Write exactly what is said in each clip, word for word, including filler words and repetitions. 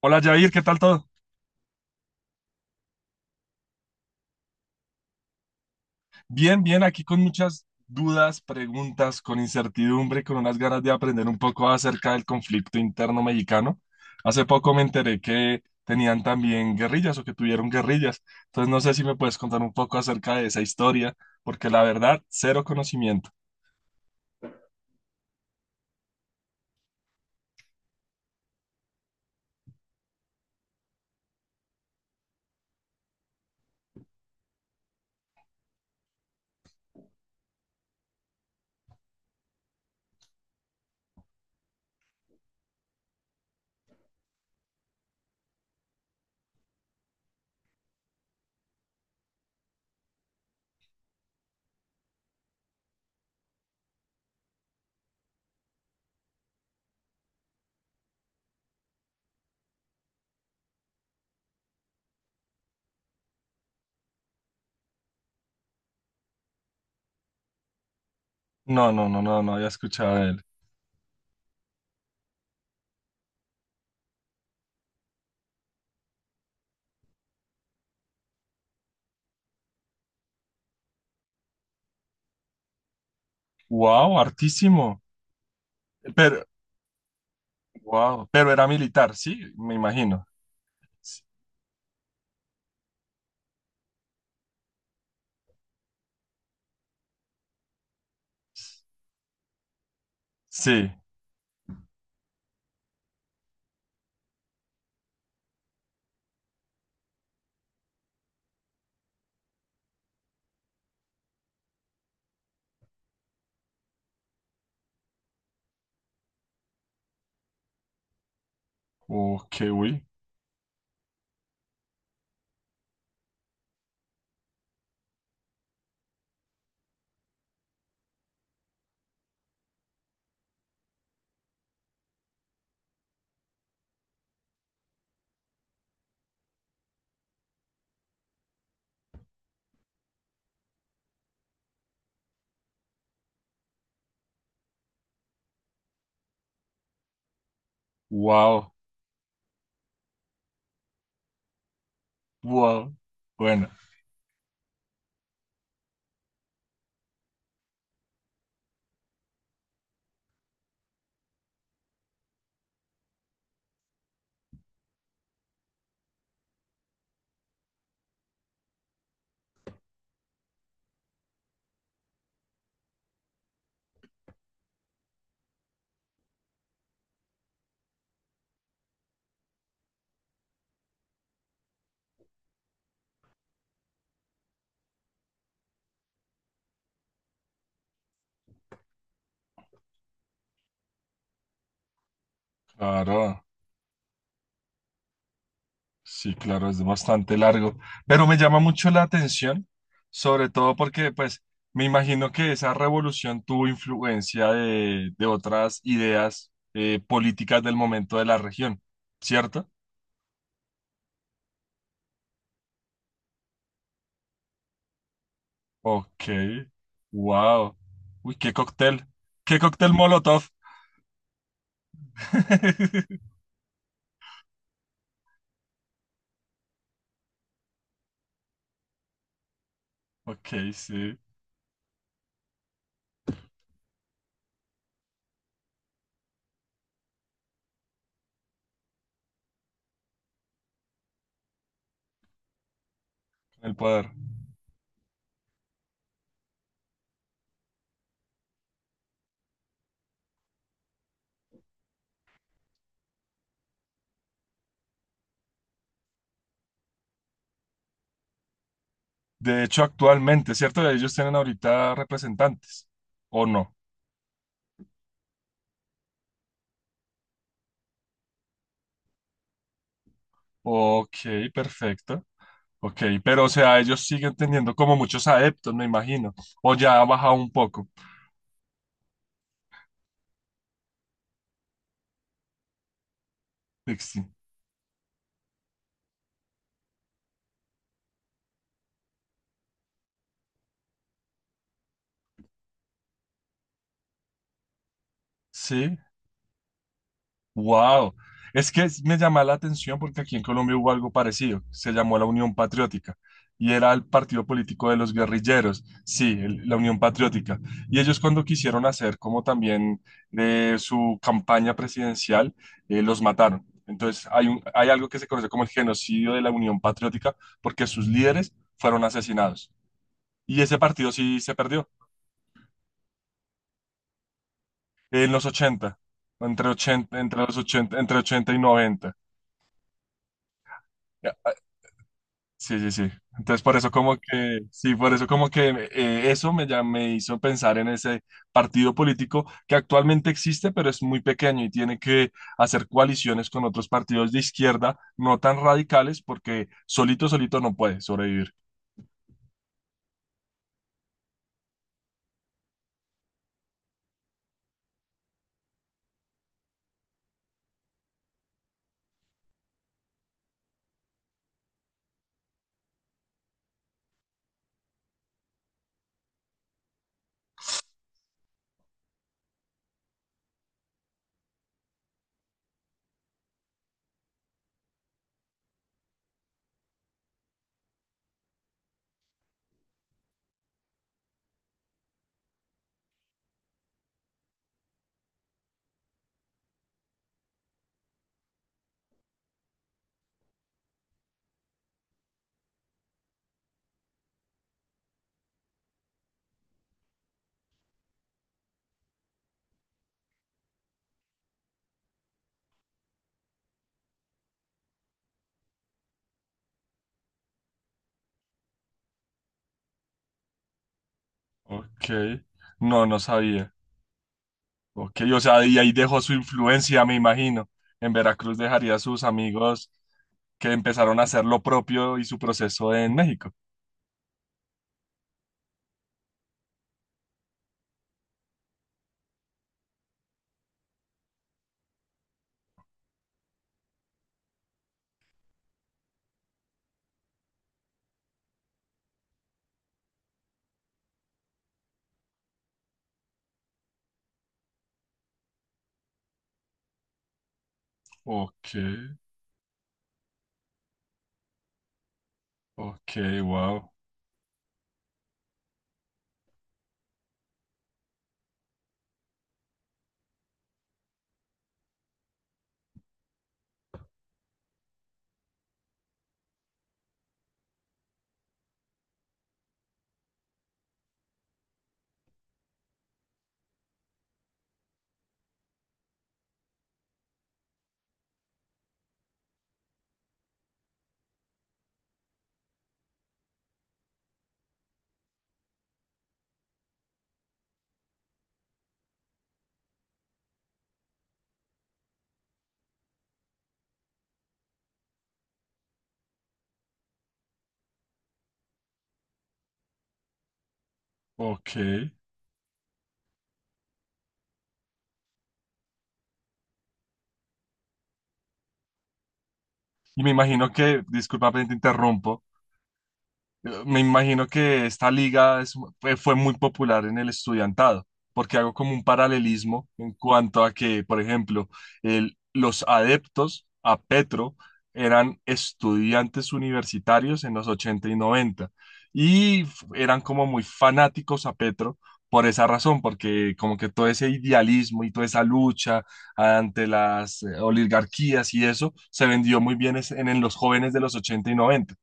Hola Jair, ¿qué tal todo? Bien, bien, aquí con muchas dudas, preguntas, con incertidumbre, con unas ganas de aprender un poco acerca del conflicto interno mexicano. Hace poco me enteré que tenían también guerrillas o que tuvieron guerrillas. Entonces no sé si me puedes contar un poco acerca de esa historia, porque la verdad, cero conocimiento. No, no, no, no, no había escuchado de él. Wow, hartísimo. Pero, wow, pero era militar, sí, me imagino. Sí. Oh, qué uy. Wow. Wow. Bueno, claro, sí, claro, es bastante largo, pero me llama mucho la atención, sobre todo porque, pues, me imagino que esa revolución tuvo influencia de, de otras ideas eh, políticas del momento de la región, ¿cierto? Ok, wow. Uy, qué cóctel, qué cóctel Molotov. Ok, sí, el poder. De hecho, actualmente, ¿cierto? Ellos tienen ahorita representantes, ¿o no? Ok, perfecto. Ok, pero o sea, ellos siguen teniendo como muchos adeptos, me imagino. O ya ha bajado un poco. Dixie. Sí. Wow, es que es- me llama la atención porque aquí en Colombia hubo algo parecido, se llamó la Unión Patriótica y era el partido político de los guerrilleros, sí, el- la Unión Patriótica. Y ellos cuando quisieron hacer como también de su campaña presidencial, eh, los mataron. Entonces hay un- hay algo que se conoce como el genocidio de la Unión Patriótica porque sus líderes fueron asesinados. Y ese partido sí se perdió en los ochenta entre ochenta entre los ochenta entre ochenta y noventa. Ya, ah, sí, sí, sí. Entonces por eso como que, sí, por eso como que eh, eso me, ya me hizo pensar en ese partido político que actualmente existe, pero es muy pequeño y tiene que hacer coaliciones con otros partidos de izquierda no tan radicales porque solito, solito no puede sobrevivir. Ok, no, no sabía. Ok, o sea, y ahí dejó su influencia, me imagino. En Veracruz dejaría a sus amigos que empezaron a hacer lo propio y su proceso en México. Ok, ok, wow, ok. Y me imagino que, disculpa, te interrumpo. Me imagino que esta liga es- fue fue muy popular en el estudiantado, porque hago como un paralelismo en cuanto a que, por ejemplo, el- los adeptos a Petro eran estudiantes universitarios en los ochenta y noventa y f- eran como muy fanáticos a Petro por esa razón, porque como que todo ese idealismo y toda esa lucha ante las eh, oligarquías y eso se vendió muy bien es- en, en los jóvenes de los ochenta y noventa.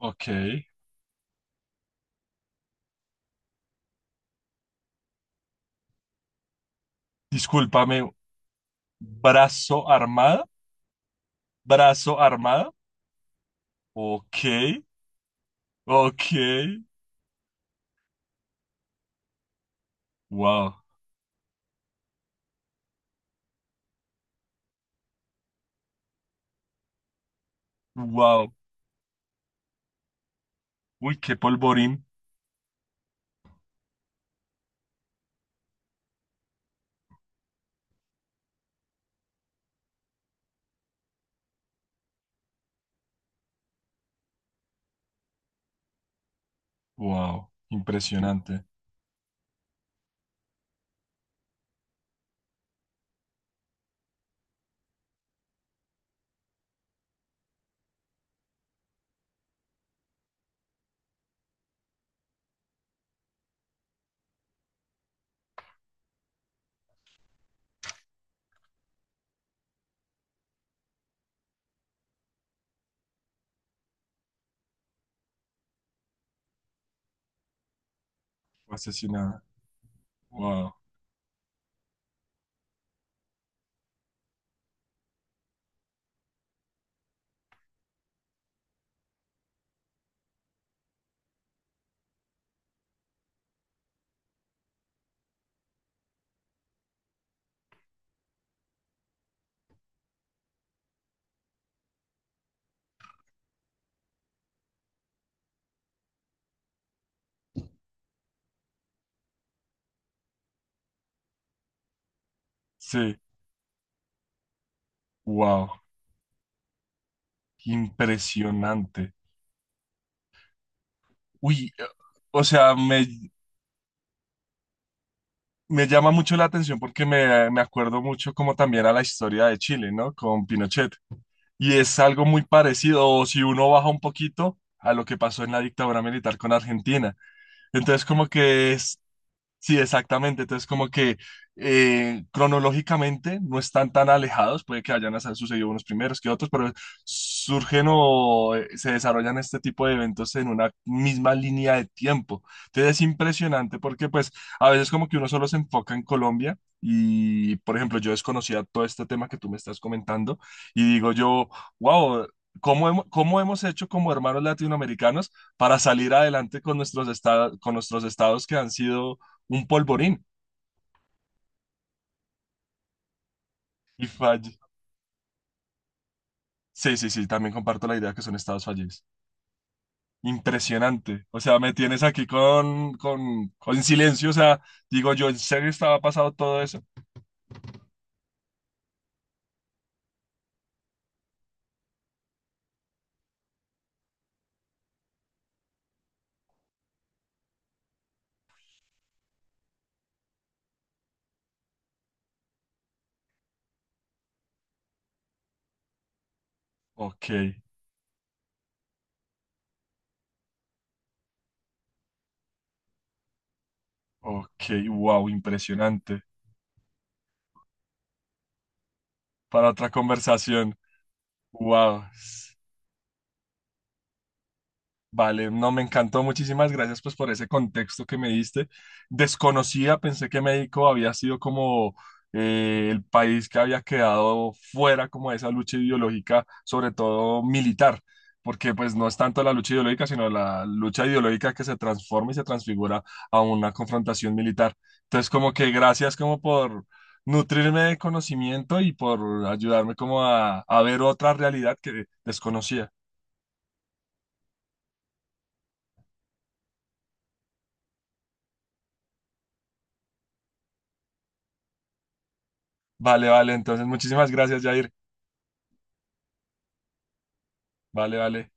Ok. Discúlpame, brazo armada, brazo armada. Ok, ok, wow, wow. Uy, qué polvorín. Wow, impresionante. Fue asesinada. Wow, sí, wow, impresionante. Uy, eh, o sea, me, me llama mucho la atención porque me, me acuerdo mucho como también a la historia de Chile, ¿no? Con Pinochet. Y es algo muy parecido, o si uno baja un poquito a lo que pasó en la dictadura militar con Argentina. Entonces, como que es, sí, exactamente. Entonces, como que eh, cronológicamente no están tan alejados, puede que hayan hasta sucedido unos primeros que otros, pero surgen o eh, se desarrollan este tipo de eventos en una misma línea de tiempo. Entonces, es impresionante porque pues a veces como que uno solo se enfoca en Colombia y, por ejemplo, yo desconocía todo este tema que tú me estás comentando y digo yo, wow. ¿Cómo hemos, cómo hemos hecho como hermanos latinoamericanos para salir adelante con nuestros estados, con nuestros estados que han sido un polvorín y falle. Sí, sí, sí, también comparto la idea que son estados fallidos. Impresionante. O sea, me tienes aquí con, con, con silencio. O sea, digo yo, ¿en serio estaba pasado todo eso? Ok, ok, wow, impresionante. Para otra conversación. Wow. Vale, no, me encantó. Muchísimas gracias pues por ese contexto que me diste. Desconocía, pensé que México había sido como eh, el país que había quedado fuera como de esa lucha ideológica, sobre todo militar, porque pues no es tanto la lucha ideológica, sino la lucha ideológica que se transforma y se transfigura a una confrontación militar. Entonces, como que gracias como por nutrirme de conocimiento y por ayudarme como a, a ver otra realidad que desconocía. Vale, vale, entonces muchísimas gracias, Jair. Vale, vale.